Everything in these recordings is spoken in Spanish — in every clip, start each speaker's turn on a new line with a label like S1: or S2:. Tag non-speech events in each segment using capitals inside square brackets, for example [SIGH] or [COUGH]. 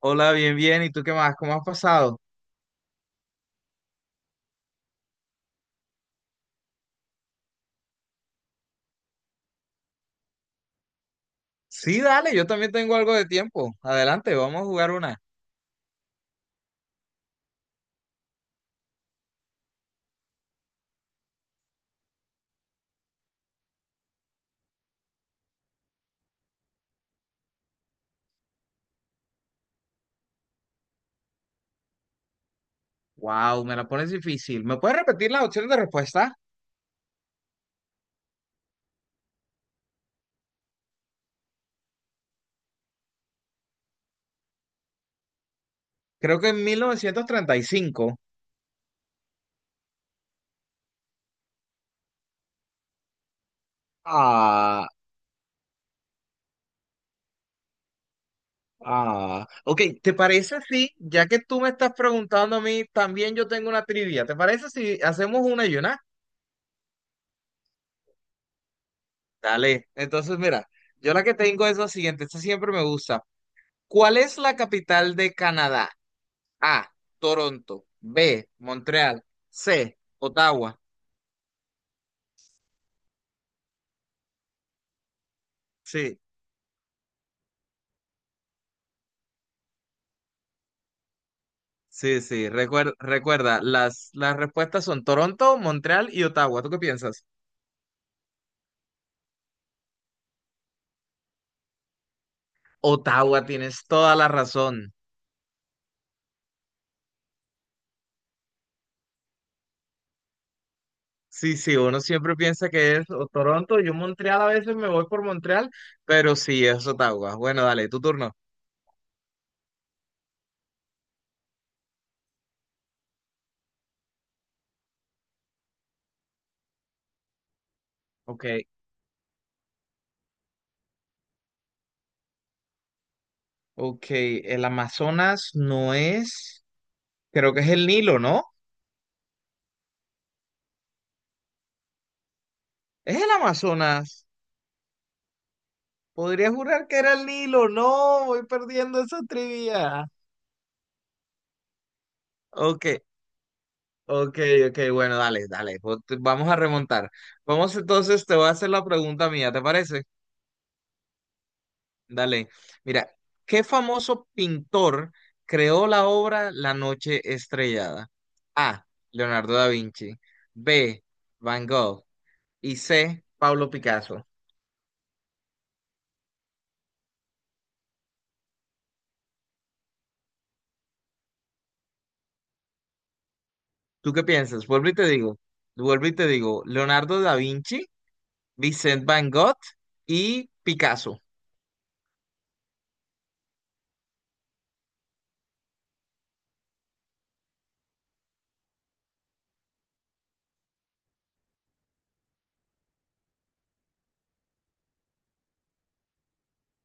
S1: Hola, bien, bien. ¿Y tú qué más? ¿Cómo has pasado? Sí, dale, yo también tengo algo de tiempo. Adelante, vamos a jugar una. Wow, me la pones difícil. ¿Me puedes repetir las opciones de respuesta? Creo que en 1935. Ah, ah, Ok, ¿te parece si, ya que tú me estás preguntando a mí, también yo tengo una trivia? ¿Te parece si hacemos una y una? Dale. Entonces, mira, yo la que tengo es la siguiente. Esta siempre me gusta. ¿Cuál es la capital de Canadá? A, Toronto, B, Montreal, C, Ottawa. Sí, sí, sí. Recuerda, las respuestas son Toronto, Montreal y Ottawa. ¿Tú qué piensas? Ottawa, tienes toda la razón. Sí, sí, uno siempre piensa que es o Toronto. Yo Montreal a veces me voy por Montreal, pero sí es Ottawa. Bueno, dale, tu turno. Ok, ok. El Amazonas no es, creo que es el Nilo, ¿no? Es el Amazonas. Podría jurar que era el Nilo. No, voy perdiendo esa trivia. Ok, ok, ok. Bueno, dale, dale. Vamos a remontar. Vamos entonces, te voy a hacer la pregunta mía, ¿te parece? Dale. Mira, ¿qué famoso pintor creó la obra La Noche Estrellada? A. Leonardo da Vinci. B. Van Gogh. Y C. Pablo Picasso. ¿Tú qué piensas? Vuelvo y te digo. Vuelvo y te digo. Leonardo da Vinci. Vincent Van Gogh y Picasso.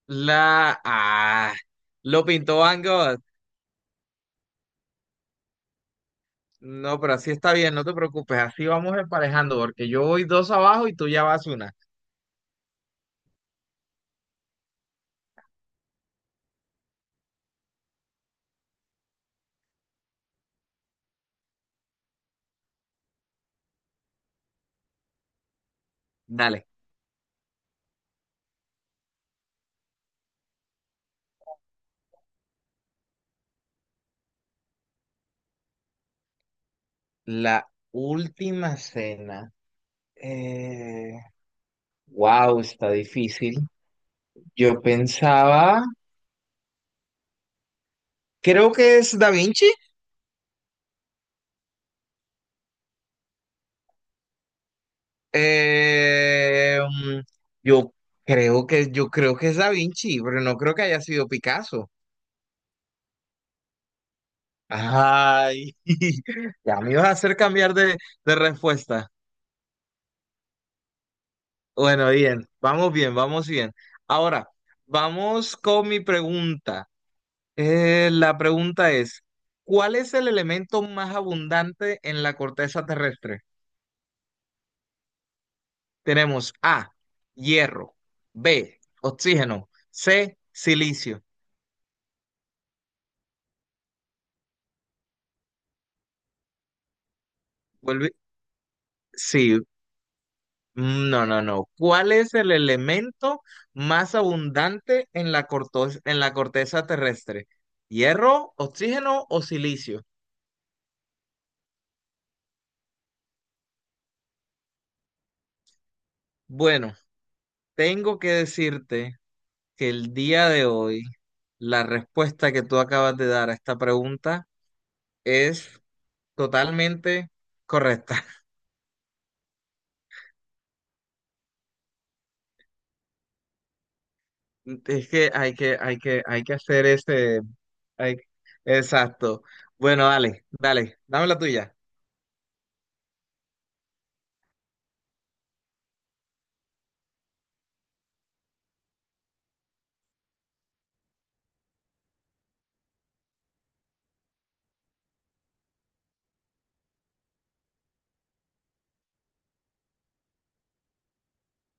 S1: La ah, lo pintó Van Gogh. No, pero así está bien, no te preocupes, así vamos emparejando, porque yo voy dos abajo y tú ya vas una. Dale. La última cena. Eh, wow, está difícil. Yo pensaba, creo que es Da Vinci. Eh, mm, yo yo creo que es Da Vinci, pero no creo que haya sido Picasso. Ay, [LAUGHS] ya me ibas a hacer cambiar de respuesta. Bueno, bien, vamos bien, vamos bien. Ahora, vamos con mi pregunta. La pregunta es, ¿cuál es el elemento más abundante en la corteza terrestre? Tenemos A, hierro, B, oxígeno, C, silicio. Vuelve- Sí, Mm, No, no, no. ¿Cuál es el elemento más abundante en la en la corteza terrestre? ¿Hierro, oxígeno o silicio? Bueno, tengo que decirte que el día de hoy la respuesta que tú acabas de dar a esta pregunta es totalmente correcta. [LAUGHS] Es que hay que hacer ese... hay- Exacto. Bueno, dale, dale, dame la tuya.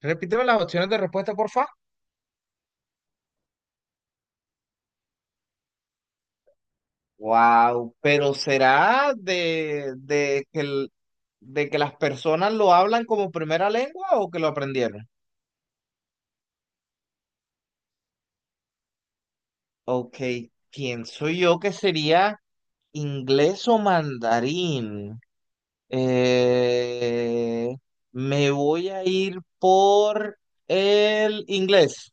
S1: Repíteme las opciones de respuesta, porfa. Wow, pero será de que de que las personas lo hablan como primera lengua o que lo aprendieron. Ok, pienso yo que sería inglés o mandarín. Eh, Me voy a ir por el inglés.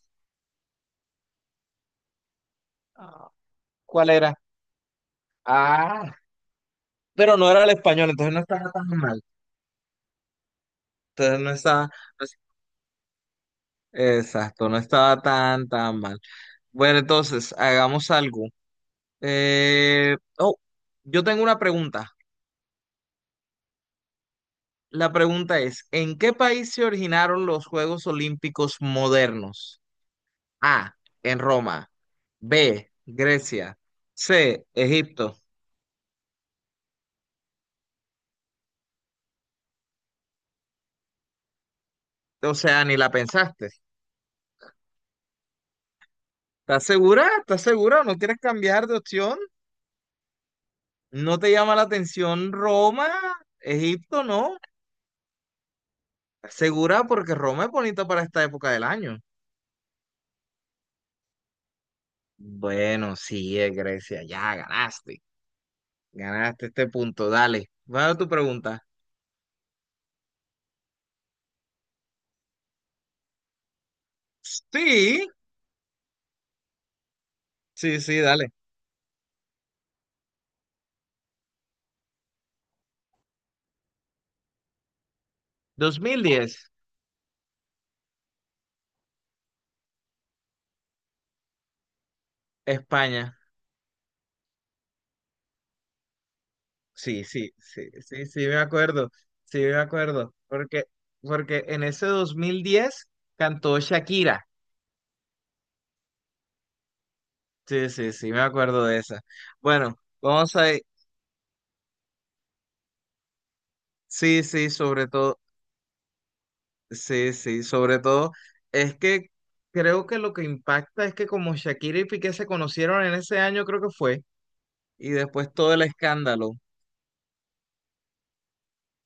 S1: Ah, ¿Cuál era? Ah, pero no era el español, entonces no estaba tan mal. Entonces no estaba, no es- exacto, no estaba tan mal. Bueno, entonces, hagamos algo. Eh, oh, yo tengo una pregunta. La pregunta es, ¿en qué país se originaron los Juegos Olímpicos modernos? A, en Roma. B, Grecia. C, Egipto. O sea, ni la pensaste. ¿Estás segura? ¿Estás segura? ¿No quieres cambiar de opción? ¿No te llama la atención Roma? Egipto, no. ¿Estás segura? Porque Roma es bonita para esta época del año. Bueno, sí, es Grecia. Ya ganaste. Ganaste este punto, dale. ¿Va a tu pregunta? Sí, sí, sí, dale. 2010. España. Sí, sí, sí, sí, sí, me acuerdo. Sí, me acuerdo. Porque en ese 2010 cantó Shakira. Sí, sí, sí, me acuerdo de esa. Bueno, vamos a... Sí, sí, sobre todo, sí, sí, sobre todo, es que creo que lo que impacta es que como Shakira y Piqué se conocieron en ese año, creo que fue, y después todo el escándalo.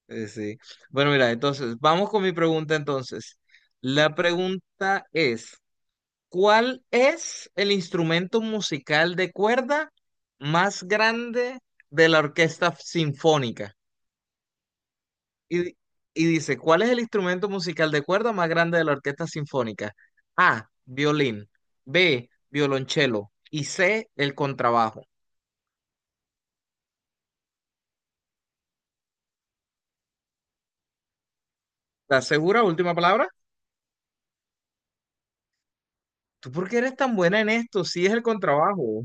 S1: Sí. Bueno, mira, entonces, vamos con mi pregunta entonces. La pregunta es, ¿cuál es el instrumento musical de cuerda más grande de la orquesta sinfónica? Y, di- y dice, ¿cuál es el instrumento musical de cuerda más grande de la orquesta sinfónica? A, violín, B, violonchelo y C, el contrabajo. ¿Estás segura? Última palabra. ¿Tú por qué eres tan buena en esto? Sí, es el contrabajo.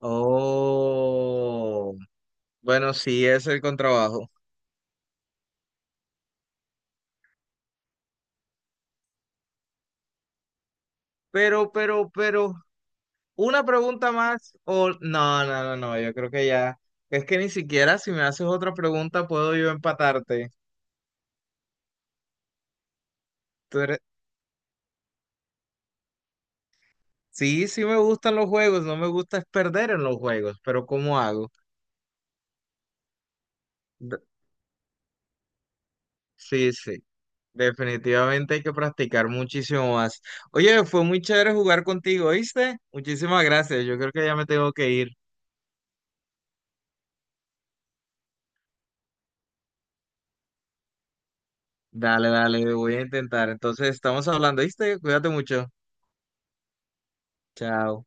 S1: Oh. Bueno, sí, es el contrabajo. Pero, una pregunta más o no, no, no, no, yo creo que ya. Es que ni siquiera si me haces otra pregunta puedo yo empatarte. Tú eres- Sí, sí me gustan los juegos, no me gusta es perder en los juegos, pero ¿cómo hago? De- Sí, sí, definitivamente hay que practicar muchísimo más. Oye, fue muy chévere jugar contigo, ¿viste? Muchísimas gracias, yo creo que ya me tengo que ir. Dale, dale, voy a intentar. Entonces, estamos hablando, ¿viste? Cuídate mucho. Chao.